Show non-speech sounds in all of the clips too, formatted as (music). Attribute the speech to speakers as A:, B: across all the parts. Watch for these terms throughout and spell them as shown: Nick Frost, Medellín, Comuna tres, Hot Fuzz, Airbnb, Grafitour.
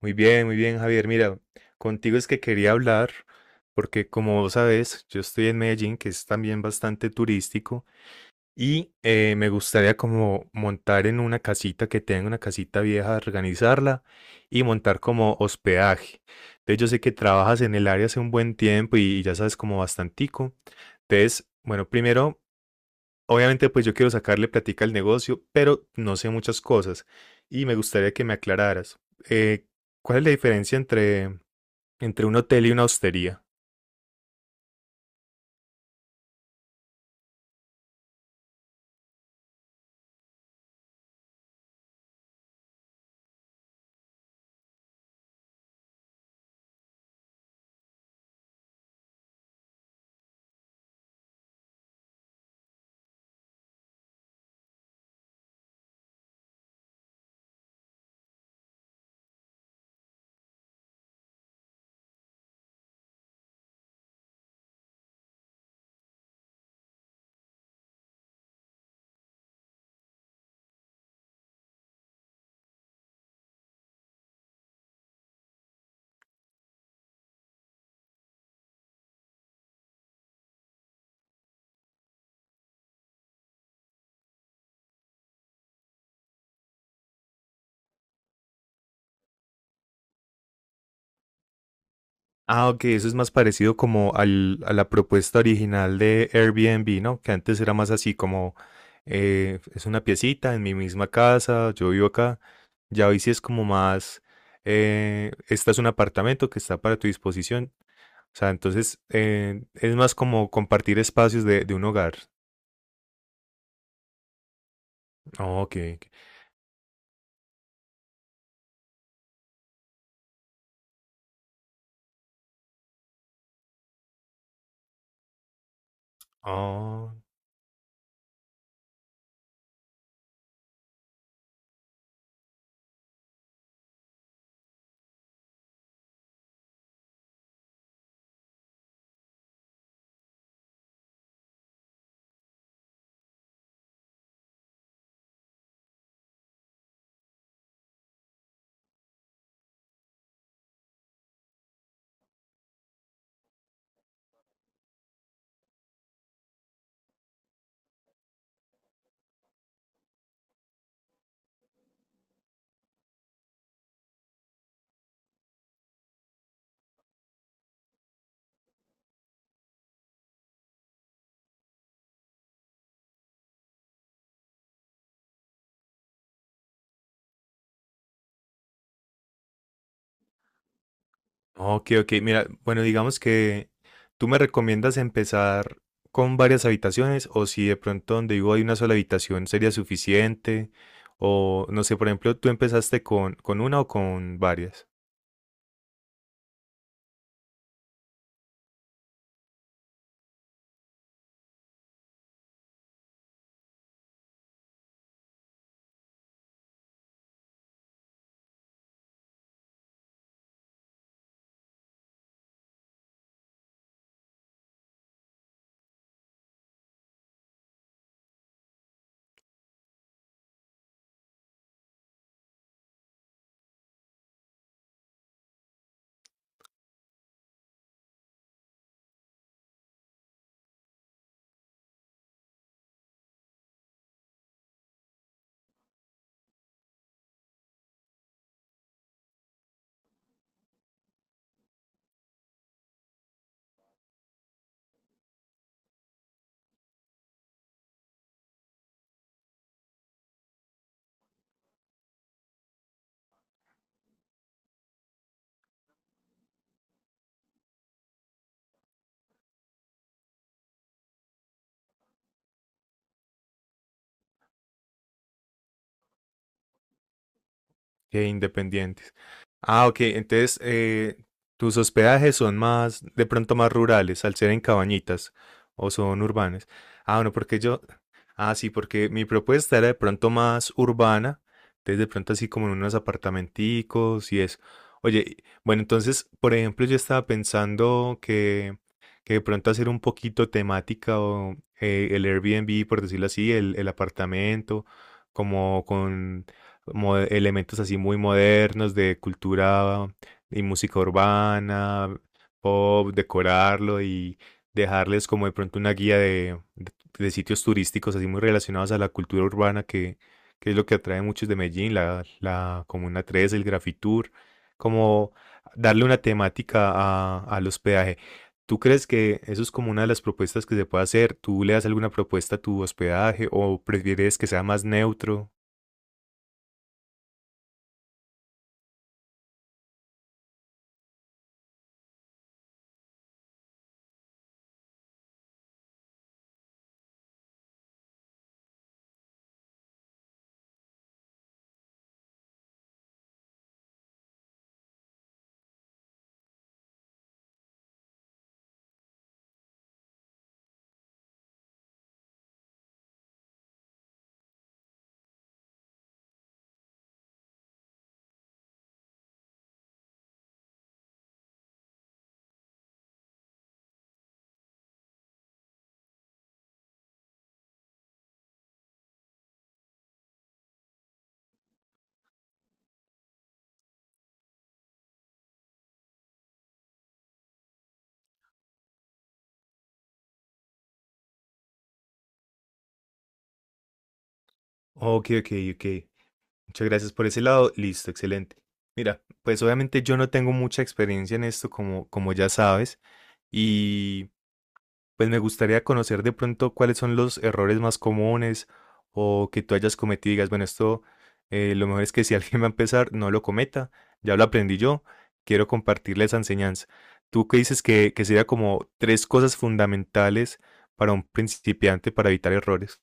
A: Muy bien, Javier. Mira, contigo es que quería hablar, porque como vos sabes, yo estoy en Medellín, que es también bastante turístico, y me gustaría como montar en una casita que tenga una casita vieja, organizarla y montar como hospedaje. Entonces yo sé que trabajas en el área hace un buen tiempo y ya sabes como bastantico. Entonces, bueno, primero. Obviamente, pues yo quiero sacarle plática al negocio, pero no sé muchas cosas y me gustaría que me aclararas. Eh, ¿Cuál es la diferencia entre un hotel y una hostería? Ah, ok, eso es más parecido como a la propuesta original de Airbnb, ¿no? Que antes era más así como, es una piecita en mi misma casa, yo vivo acá. Ya hoy sí es como más, este es un apartamento que está para tu disposición. O sea, entonces es más como compartir espacios de un hogar. Oh, ok. Ok. Ah, ok, ok. Mira, bueno, digamos que tú me recomiendas empezar con varias habitaciones o si de pronto donde vivo hay una sola habitación sería suficiente o no sé, por ejemplo, tú empezaste con una o con varias. Que independientes. Ah, ok, entonces tus hospedajes son más, de pronto más rurales, al ser en cabañitas, o son urbanas. Ah, bueno, porque yo, ah, sí, porque mi propuesta era de pronto más urbana, entonces de pronto así como en unos apartamenticos y eso. Oye, y bueno, entonces, por ejemplo, yo estaba pensando que de pronto hacer un poquito temática o el Airbnb, por decirlo así, el apartamento, como con elementos así muy modernos de cultura y música urbana, pop, decorarlo y dejarles como de pronto una guía de sitios turísticos así muy relacionados a la cultura urbana que es lo que atrae a muchos de Medellín, la Comuna 3, el Grafitour, como darle una temática al hospedaje. ¿Tú crees que eso es como una de las propuestas que se puede hacer? ¿Tú le das alguna propuesta a tu hospedaje o prefieres que sea más neutro? Ok, ok, ok. Muchas gracias por ese lado. Listo, excelente. Mira, pues obviamente yo no tengo mucha experiencia en esto, como, como ya sabes, y pues me gustaría conocer de pronto cuáles son los errores más comunes o que tú hayas cometido y digas, bueno, esto lo mejor es que si (laughs) alguien va a empezar, no lo cometa, ya lo aprendí yo, quiero compartirle esa enseñanza. ¿Tú qué dices que sería como tres cosas fundamentales para un principiante para evitar errores?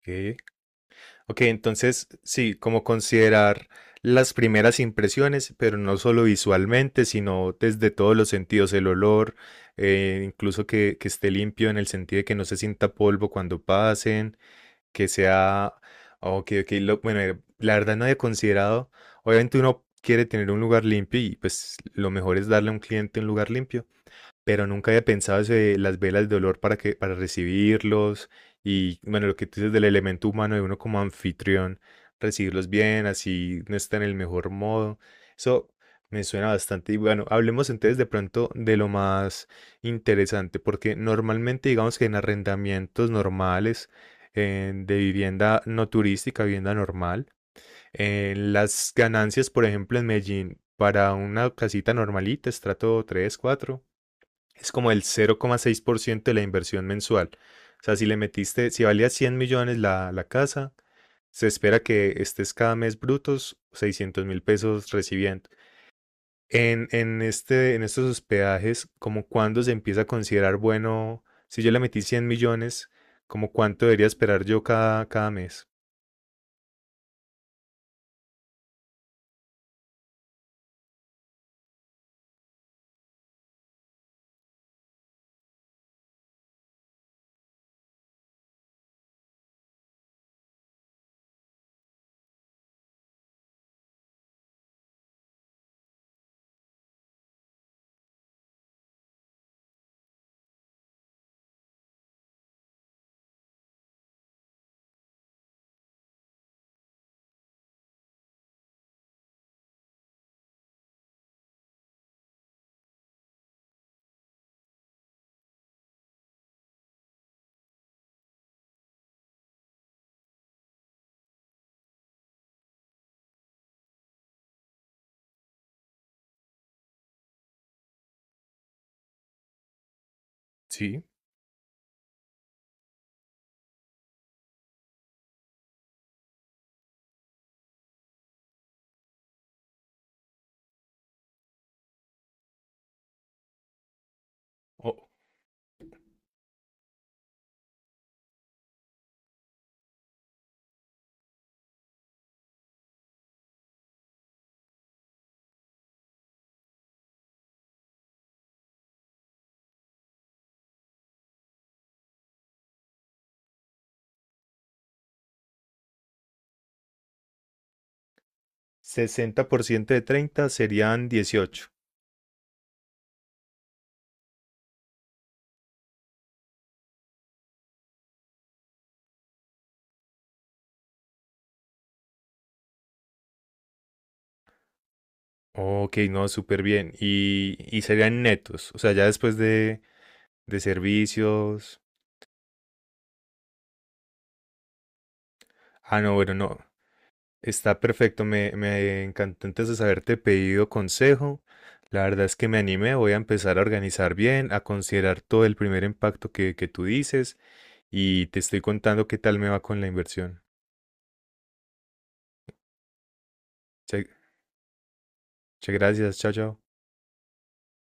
A: Ok. Ok, entonces sí, como considerar las primeras impresiones, pero no solo visualmente, sino desde todos los sentidos, el olor, incluso que esté limpio en el sentido de que no se sienta polvo cuando pasen, que sea, ok, ok, bueno, la verdad no había considerado, obviamente uno quiere tener un lugar limpio y pues lo mejor es darle a un cliente un lugar limpio, pero nunca había pensado eso de las velas de olor para que, para recibirlos, y bueno, lo que tú dices del elemento humano de uno como anfitrión, recibirlos bien, así no está en el mejor modo. Eso me suena bastante. Y bueno, hablemos entonces de pronto de lo más interesante, porque normalmente digamos que en arrendamientos normales de vivienda no turística, vivienda normal, las ganancias, por ejemplo, en Medellín, para una casita normalita, estrato 3 cuatro, es como el 0,6% de la inversión mensual. O sea, si valía 100 millones la casa, se espera que estés cada mes brutos 600.000 pesos recibiendo. En estos hospedajes, como cuándo se empieza a considerar bueno, si yo le metí 100 millones, como cuánto debería esperar yo cada mes. Sí, o ciento de 30 serían 18. Ok, no, súper bien. Y serían netos. O sea, ya después de servicios. Ah, no, bueno, no. Está perfecto, me encantó entonces haberte pedido consejo. La verdad es que me animé, voy a empezar a organizar bien, a considerar todo el primer impacto que tú dices, y te estoy contando qué tal me va con la inversión. Che, muchas gracias, chao, chao.